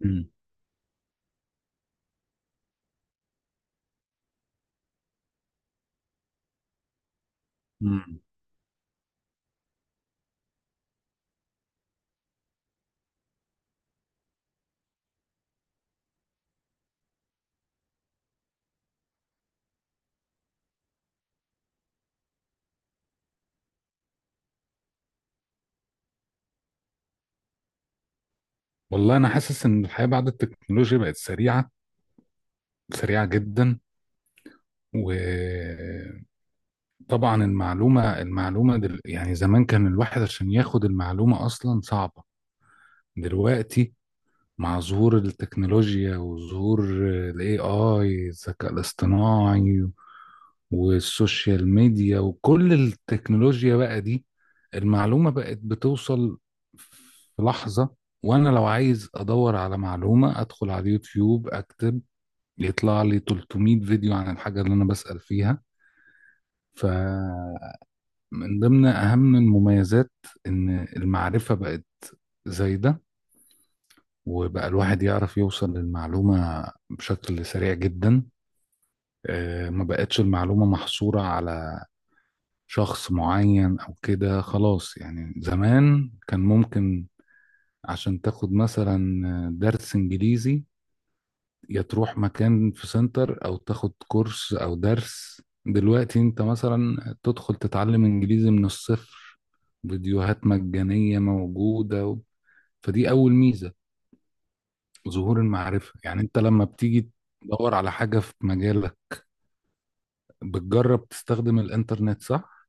مم. مم. والله انا حاسس ان الحياه بعد التكنولوجيا بقت سريعه، سريعه جدا. وطبعا يعني زمان كان الواحد عشان ياخد المعلومه اصلا صعبه. دلوقتي مع ظهور التكنولوجيا وظهور الاي اي الذكاء الاصطناعي والسوشيال ميديا وكل التكنولوجيا بقى دي، المعلومة بقت بتوصل في لحظة. وأنا لو عايز أدور على معلومة أدخل على اليوتيوب أكتب، يطلع لي 300 فيديو عن الحاجة اللي أنا بسأل فيها. فمن ضمن أهم المميزات إن المعرفة بقت زايدة، وبقى الواحد يعرف يوصل للمعلومة بشكل سريع جدا. ما بقتش المعلومة محصورة على شخص معين او كده، خلاص. يعني زمان كان ممكن عشان تاخد مثلا درس انجليزي، يا تروح مكان في سنتر او تاخد كورس او درس. دلوقتي انت مثلا تدخل تتعلم انجليزي من الصفر، فيديوهات مجانية موجودة فدي اول ميزة، ظهور المعرفة. يعني انت لما بتيجي تدور على حاجة في مجالك، بتجرب تستخدم الانترنت، صح؟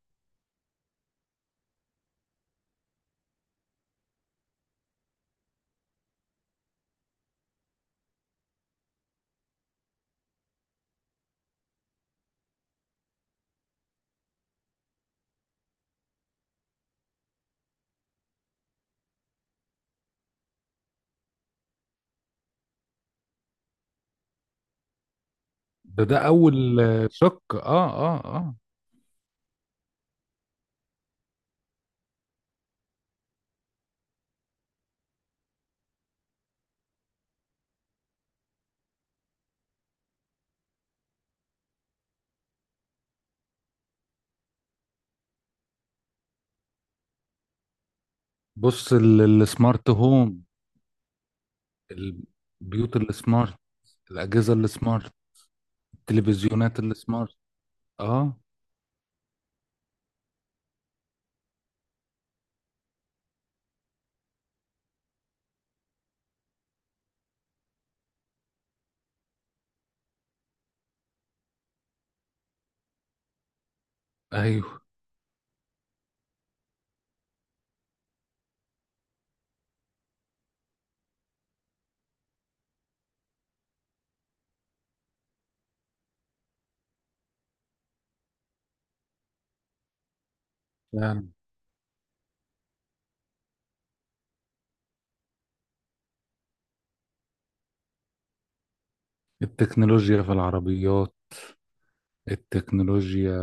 ده اول شق. اه بص السمارت هوم، البيوت السمارت، الأجهزة السمارت، التلفزيونات السمارت. اه ايوه، فعلا. التكنولوجيا في العربيات، التكنولوجيا،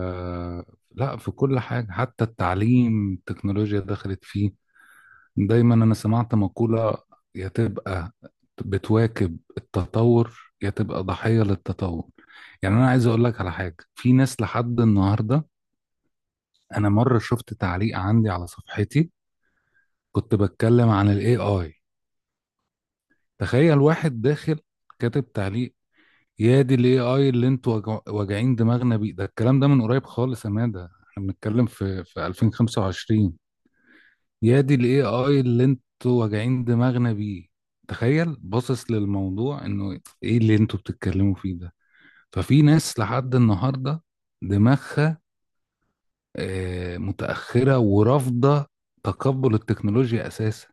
لا، في كل حاجة. حتى التعليم التكنولوجيا دخلت فيه. دايما انا سمعت مقولة: يا تبقى بتواكب التطور يا تبقى ضحية للتطور. يعني انا عايز اقول لك على حاجة، في ناس لحد النهاردة. انا مرة شفت تعليق عندي على صفحتي، كنت بتكلم عن الاي اي، تخيل واحد داخل كاتب تعليق: يا دي الاي اي اللي انتوا واجعين دماغنا بيه ده، الكلام ده من قريب خالص يا مادة، احنا بنتكلم في 2025. يا دي الاي اي اللي انتوا واجعين دماغنا بيه. تخيل باصص للموضوع انه ايه اللي انتوا بتتكلموا فيه ده. ففي ناس لحد النهارده دماغها متأخرة ورافضة تقبل التكنولوجيا اساسا.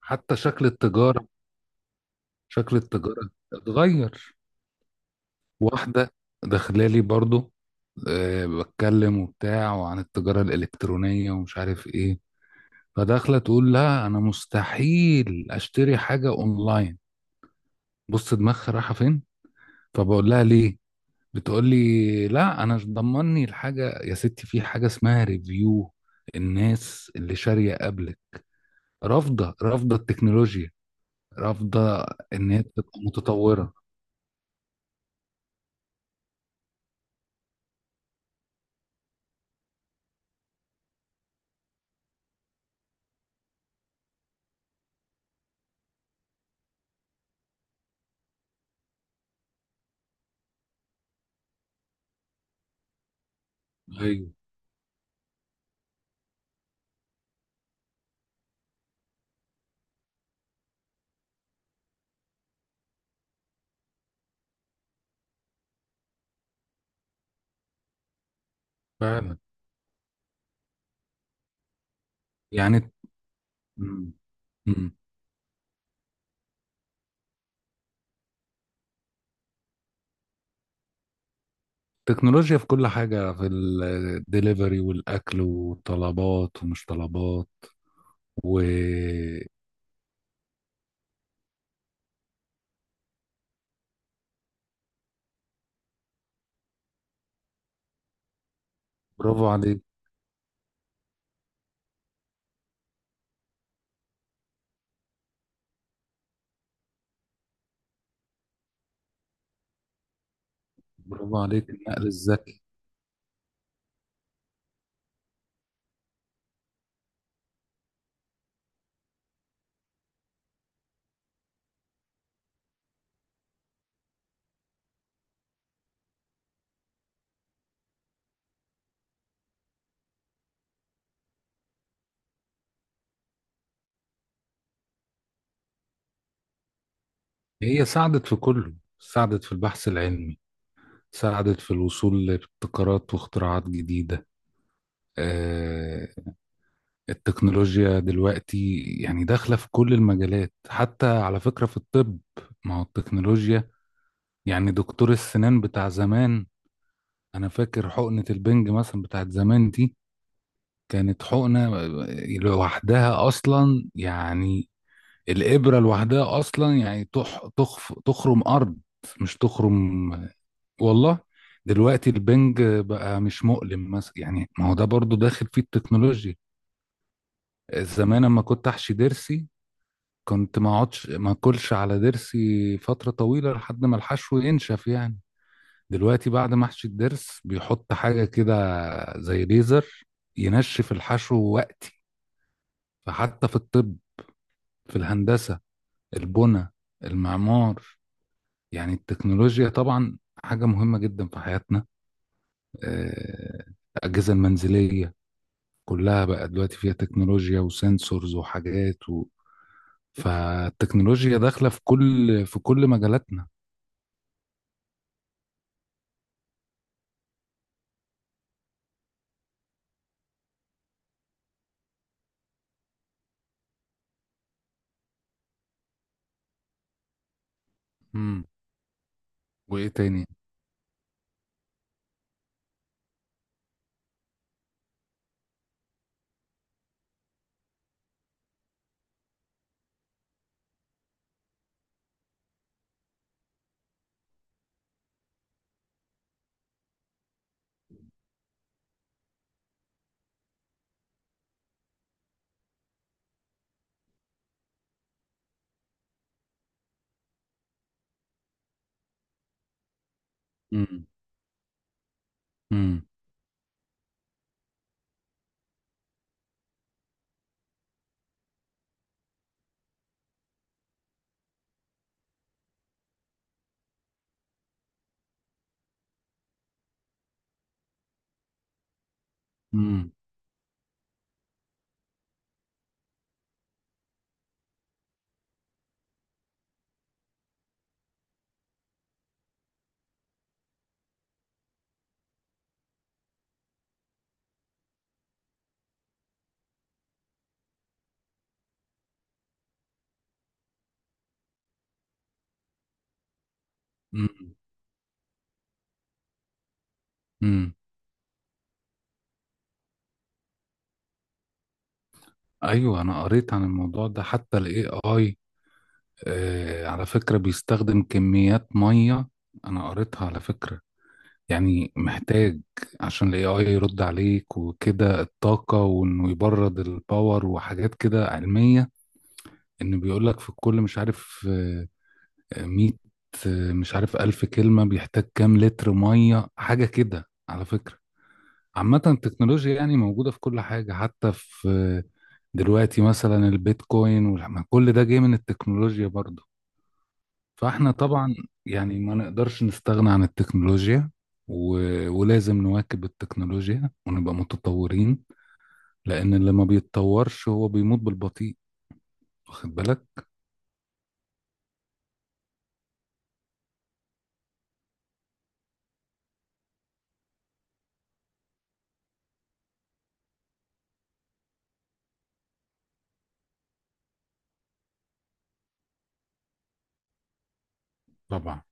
حتى شكل التجارة، شكل التجارة اتغير. واحدة داخلالي برضو، أه بتكلم وبتاع وعن التجارة الإلكترونية ومش عارف إيه، فداخلة تقول لا أنا مستحيل أشتري حاجة أونلاين. بص دماغها رايحة فين. فبقول لها ليه؟ بتقول لي لا أنا مش ضمني الحاجة. يا ستي في حاجة اسمها ريفيو، الناس اللي شارية قبلك. رافضة، رافضة التكنولوجيا، رافضة إن هي تبقى متطورة. أيوه، فعلا. يعني مم. مم. تكنولوجيا في كل حاجة، في الدليفري والأكل والطلبات ومش طلبات. وبرافو عليك، برافو عليك النقل الذكي. هي ساعدت في كله، ساعدت في البحث العلمي، ساعدت في الوصول لابتكارات واختراعات جديدة. آه، التكنولوجيا دلوقتي يعني داخلة في كل المجالات، حتى على فكرة في الطب. ما هو التكنولوجيا، يعني دكتور السنان بتاع زمان، انا فاكر حقنة البنج مثلا بتاعت زمان دي، كانت حقنة لوحدها اصلا، يعني الابرة لوحدها اصلا، يعني تخف تخرم ارض، مش تخرم، والله. دلوقتي البنج بقى مش مؤلم مثلا، يعني ما هو ده برضو داخل فيه التكنولوجيا. زمان لما كنت احشي ضرسي، كنت ما اقعدش ما اكلش على ضرسي فترة طويلة لحد ما الحشو ينشف. يعني دلوقتي بعد محشي الضرس بيحط حاجة كده زي ليزر، ينشف الحشو وقتي. فحتى في الطب، في الهندسة، البنى، المعمار، يعني التكنولوجيا طبعا حاجة مهمة جدا في حياتنا. آه، الأجهزة المنزلية كلها بقى دلوقتي فيها تكنولوجيا وسنسورز وحاجات فالتكنولوجيا داخلة في كل مجالاتنا. مم. وإيه تاني؟ مم. مم. مم. مم. ايوه، انا قريت عن الموضوع ده. حتى الاي اي على فكره بيستخدم كميات ميه، انا قريتها على فكره. يعني محتاج عشان الاي اي يرد عليك وكده الطاقه، وانه يبرد الباور وحاجات كده علميه. ان بيقول لك في الكل، مش عارف، 100 مش عارف، ألف كلمه بيحتاج كام لتر ميه، حاجه كده على فكره. عامة التكنولوجيا يعني موجودة في كل حاجة، حتى في دلوقتي مثلا البيتكوين كل ده جاي من التكنولوجيا برضو. فاحنا طبعا يعني ما نقدرش نستغنى عن التكنولوجيا و... ولازم نواكب التكنولوجيا ونبقى متطورين. لأن اللي ما بيتطورش هو بيموت بالبطيء. واخد بالك؟ طبعا.